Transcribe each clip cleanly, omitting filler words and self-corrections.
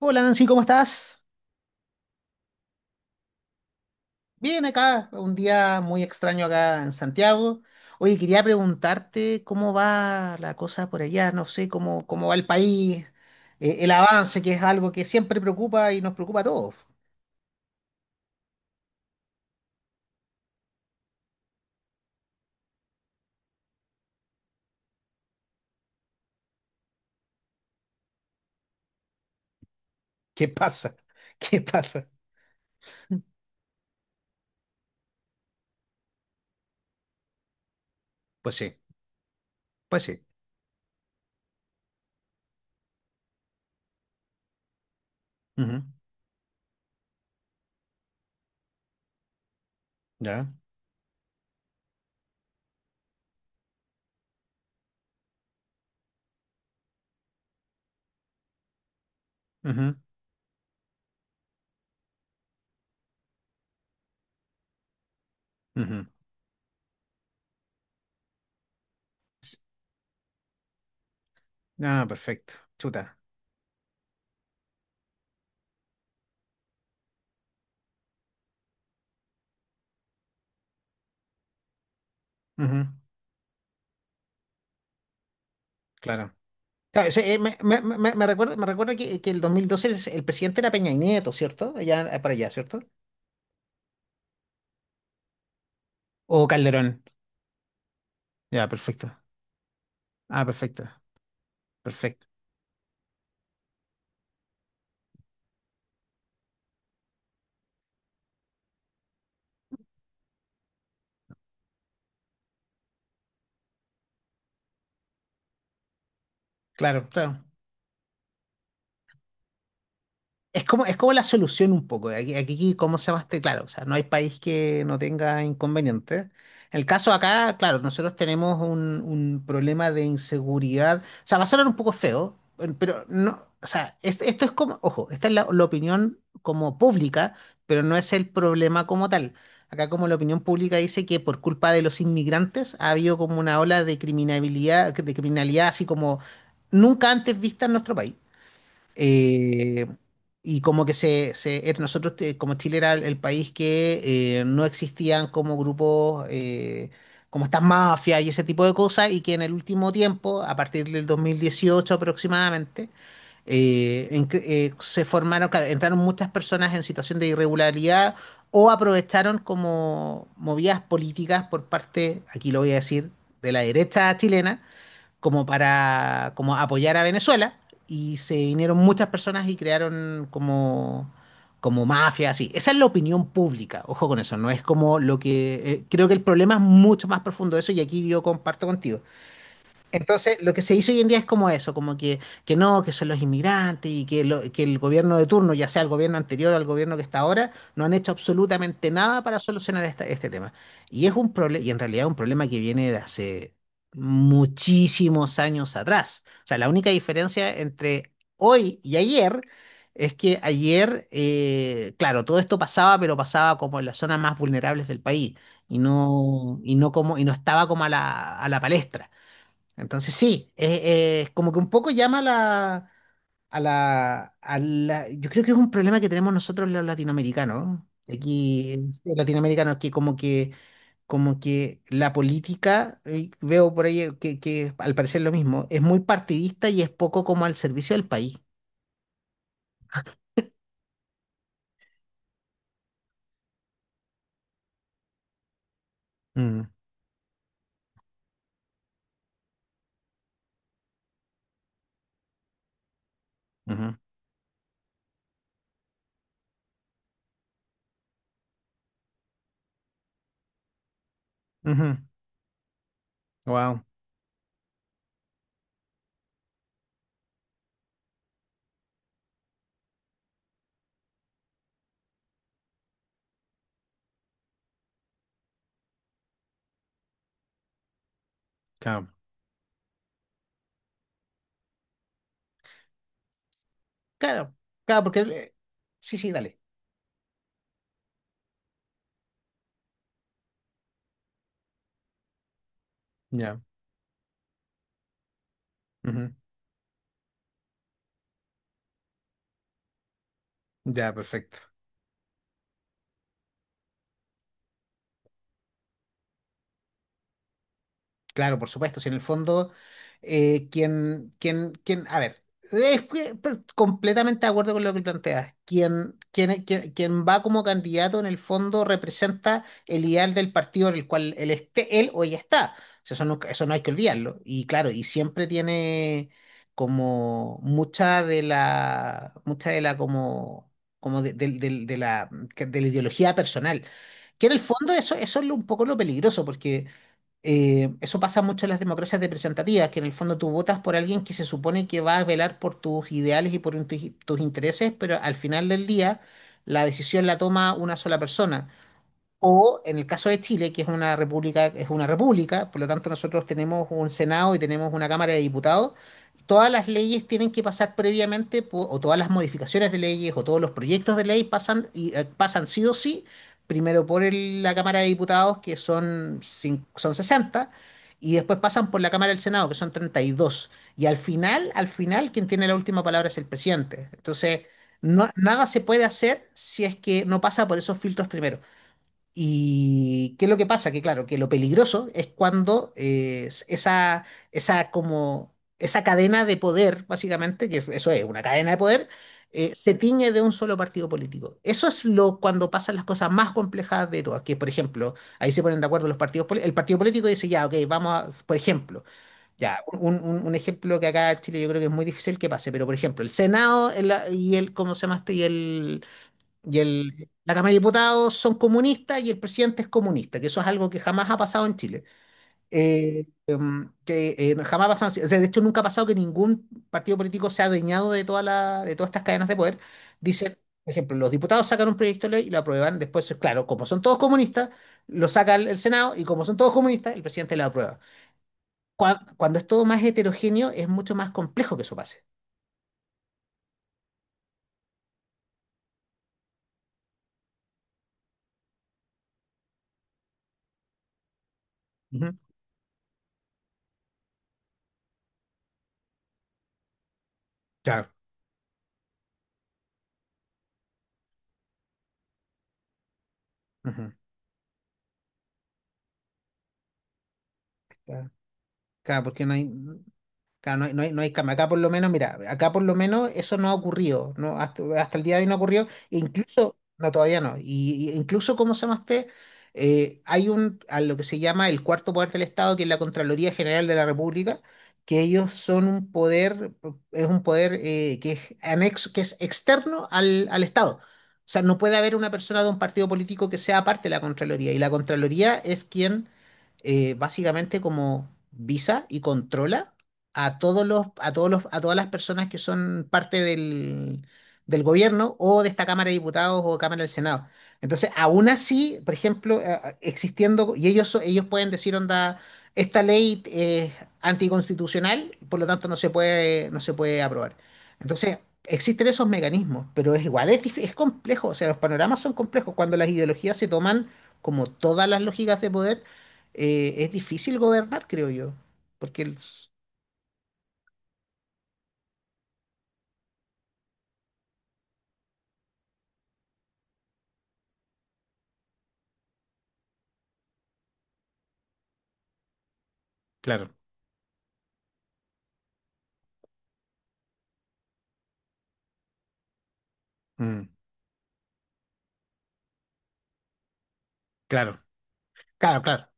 Hola Nancy, ¿cómo estás? Bien acá, un día muy extraño acá en Santiago. Oye, quería preguntarte cómo va la cosa por allá, no sé, cómo va el país, el avance, que es algo que siempre preocupa y nos preocupa a todos. ¿Qué pasa? ¿Qué pasa? Pues sí, pues sí. Ujú, ya, ujú, ujú. S- Ah, perfecto. Chuta. Ujú, claro. Claro, sí, me recuerda que el 2012 el presidente era Peña Nieto, ¿cierto? Allá, para allá, ¿cierto? O Calderón. Ya, perfecto. Ah, perfecto. Perfecto. Claro, claro. Es como la solución un poco. Aquí, aquí, ¿cómo se llama este? Claro, o sea, no hay país que no tenga inconvenientes. En el caso acá, claro, nosotros tenemos un problema de inseguridad. O sea, va a sonar un poco feo, pero no, o sea, esto es como, ojo, esta es la opinión como pública, pero no es el problema como tal. Acá como la opinión pública dice que por culpa de los inmigrantes ha habido como una ola de criminalidad así como nunca antes vista en nuestro país. Eh, y como que nosotros, como Chile era el país que no existían como grupos, como estas mafias y ese tipo de cosas, y que en el último tiempo, a partir del 2018 aproximadamente, se formaron, claro, entraron muchas personas en situación de irregularidad o aprovecharon como movidas políticas por parte, aquí lo voy a decir, de la derecha chilena como para como apoyar a Venezuela y se vinieron muchas personas y crearon como mafia, así. Esa es la opinión pública, ojo con eso, no es como lo que... creo que el problema es mucho más profundo de eso y aquí yo comparto contigo. Entonces, lo que se hizo hoy en día es como eso, que no, que son los inmigrantes y que, que el gobierno de turno, ya sea el gobierno anterior o el gobierno que está ahora, no han hecho absolutamente nada para solucionar este tema. Y es un problema, y en realidad es un problema que viene de hace muchísimos años atrás. O sea, la única diferencia entre hoy y ayer es que ayer, claro, todo esto pasaba, pero pasaba como en las zonas más vulnerables del país y no como, y no estaba como a la palestra. Entonces sí, es como que un poco llama a la. Yo creo que es un problema que tenemos nosotros los latinoamericanos. Aquí, latinoamericanos, que como que, como que la política, veo por ahí que al parecer lo mismo, es muy partidista y es poco como al servicio del país. Mm, ujú, ujú. Wow, claro, claro, claro, porque... sí, sí, dale, ya, ujú, ya, perfecto. Claro, por supuesto, si en el fondo, a ver, es que, completamente de acuerdo con lo que planteas. Quien va como candidato en el fondo representa el ideal del partido en el cual él esté, él o ella está. O sea, eso no, eso no hay que olvidarlo. Y claro, y siempre tiene como mucha de mucha de la como, como de, del- del- de la ideología personal. Que en el fondo eso, eso es un poco lo peligroso, porque eso pasa mucho en las democracias representativas, que en el fondo tú votas por alguien que se supone que va a velar por tus ideales y por tus intereses, pero al final del día la decisión la toma una sola persona. O en el caso de Chile, que es una república, por lo tanto nosotros tenemos un Senado y tenemos una Cámara de Diputados, todas las leyes tienen que pasar previamente, o todas las modificaciones de leyes, o todos los proyectos de ley pasan, pasan sí o sí, primero por la Cámara de Diputados, que son, son 60 y después pasan por la Cámara del Senado, que son 32. Y dos. Y al final, quien tiene la última palabra es el presidente. Entonces, nada se puede hacer si es que no pasa por esos filtros primero. ¿Y qué es lo que pasa? Que claro, que lo peligroso es cuando como, esa cadena de poder, básicamente, que eso es una cadena de poder, se tiñe de un solo partido político. Eso es lo cuando pasan las cosas más complejas de todas, que por ejemplo, ahí se ponen de acuerdo los partidos, el partido político dice, ya, ok, vamos a, por ejemplo, ya, un ejemplo que acá en Chile yo creo que es muy difícil que pase, pero por ejemplo, el Senado y el, ¿cómo se llama este? Y el, la Cámara de Diputados son comunistas y el presidente es comunista, que eso es algo que jamás ha pasado en Chile. Eh, que no, jamás ha pasado, en Chile. O sea, de hecho nunca ha pasado que ningún partido político se ha adueñado de, toda la, de todas estas cadenas de poder. Dice, por ejemplo, los diputados sacan un proyecto de ley y lo aprueban, después, claro, como son todos comunistas, lo saca el Senado y como son todos comunistas, el presidente lo aprueba. Cuando, es todo más heterogéneo, es mucho más complejo que eso pase. Ujú. Claro. Ujú. Claro, claro, porque no hay. Claro, no hay cama. Acá por lo menos, mira, acá por lo menos eso no ha ocurrido, ¿no? Hasta, hasta el día de hoy no ha ocurrido. E incluso, no, todavía no. Y incluso, ¿cómo se llama este? A lo que se llama el cuarto poder del Estado, que es la Contraloría General de la República, que ellos son un poder, es un poder que es anexo, que es externo al Estado. O sea, no puede haber una persona de un partido político que sea parte de la Contraloría. Y la Contraloría es quien básicamente como visa y controla a todos los, a todos los, a todas las personas que son parte del gobierno o de esta Cámara de Diputados o Cámara del Senado. Entonces, aún así, por ejemplo, existiendo, y ellos, ellos pueden decir, onda, esta ley es anticonstitucional, por lo tanto no se puede, no se puede aprobar. Entonces, existen esos mecanismos, pero es igual, es, es complejo, o sea, los panoramas son complejos cuando las ideologías se toman como todas las lógicas de poder, es difícil gobernar, creo yo, porque claro, mm, claro, claro, claro.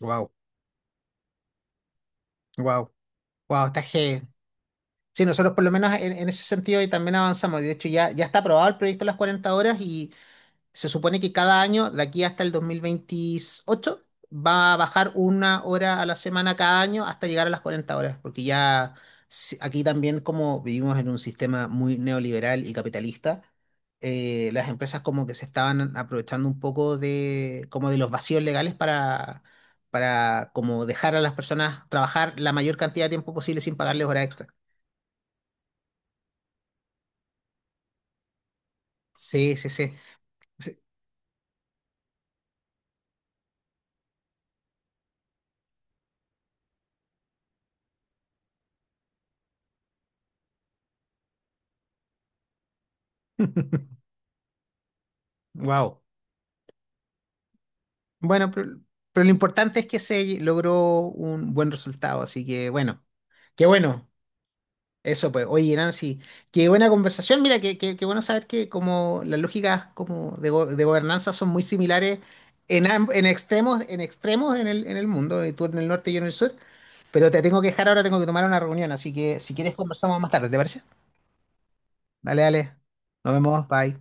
Wow, wow, wow, está heavy. Sí, nosotros por lo menos en ese sentido y también avanzamos. De hecho, ya, ya está aprobado el proyecto de las 40 horas y, se supone que cada año, de aquí hasta el 2028, va a bajar una hora a la semana cada año hasta llegar a las 40 horas, porque ya aquí también como vivimos en un sistema muy neoliberal y capitalista, las empresas como que se estaban aprovechando un poco de como de los vacíos legales para como dejar a las personas trabajar la mayor cantidad de tiempo posible sin pagarles hora extra. Sí, sí, sí. Wow. Bueno, pero lo importante es que se logró un buen resultado, así que bueno, qué bueno. Eso pues, oye Nancy, qué buena conversación, mira, qué, qué bueno saber que como las lógicas como de, de gobernanza son muy similares en, en extremos, en extremos en el mundo, y tú en el norte y yo en el sur, pero te tengo que dejar ahora, tengo que tomar una reunión, así que si quieres conversamos más tarde, ¿te parece? Dale, dale, nos vemos, bye.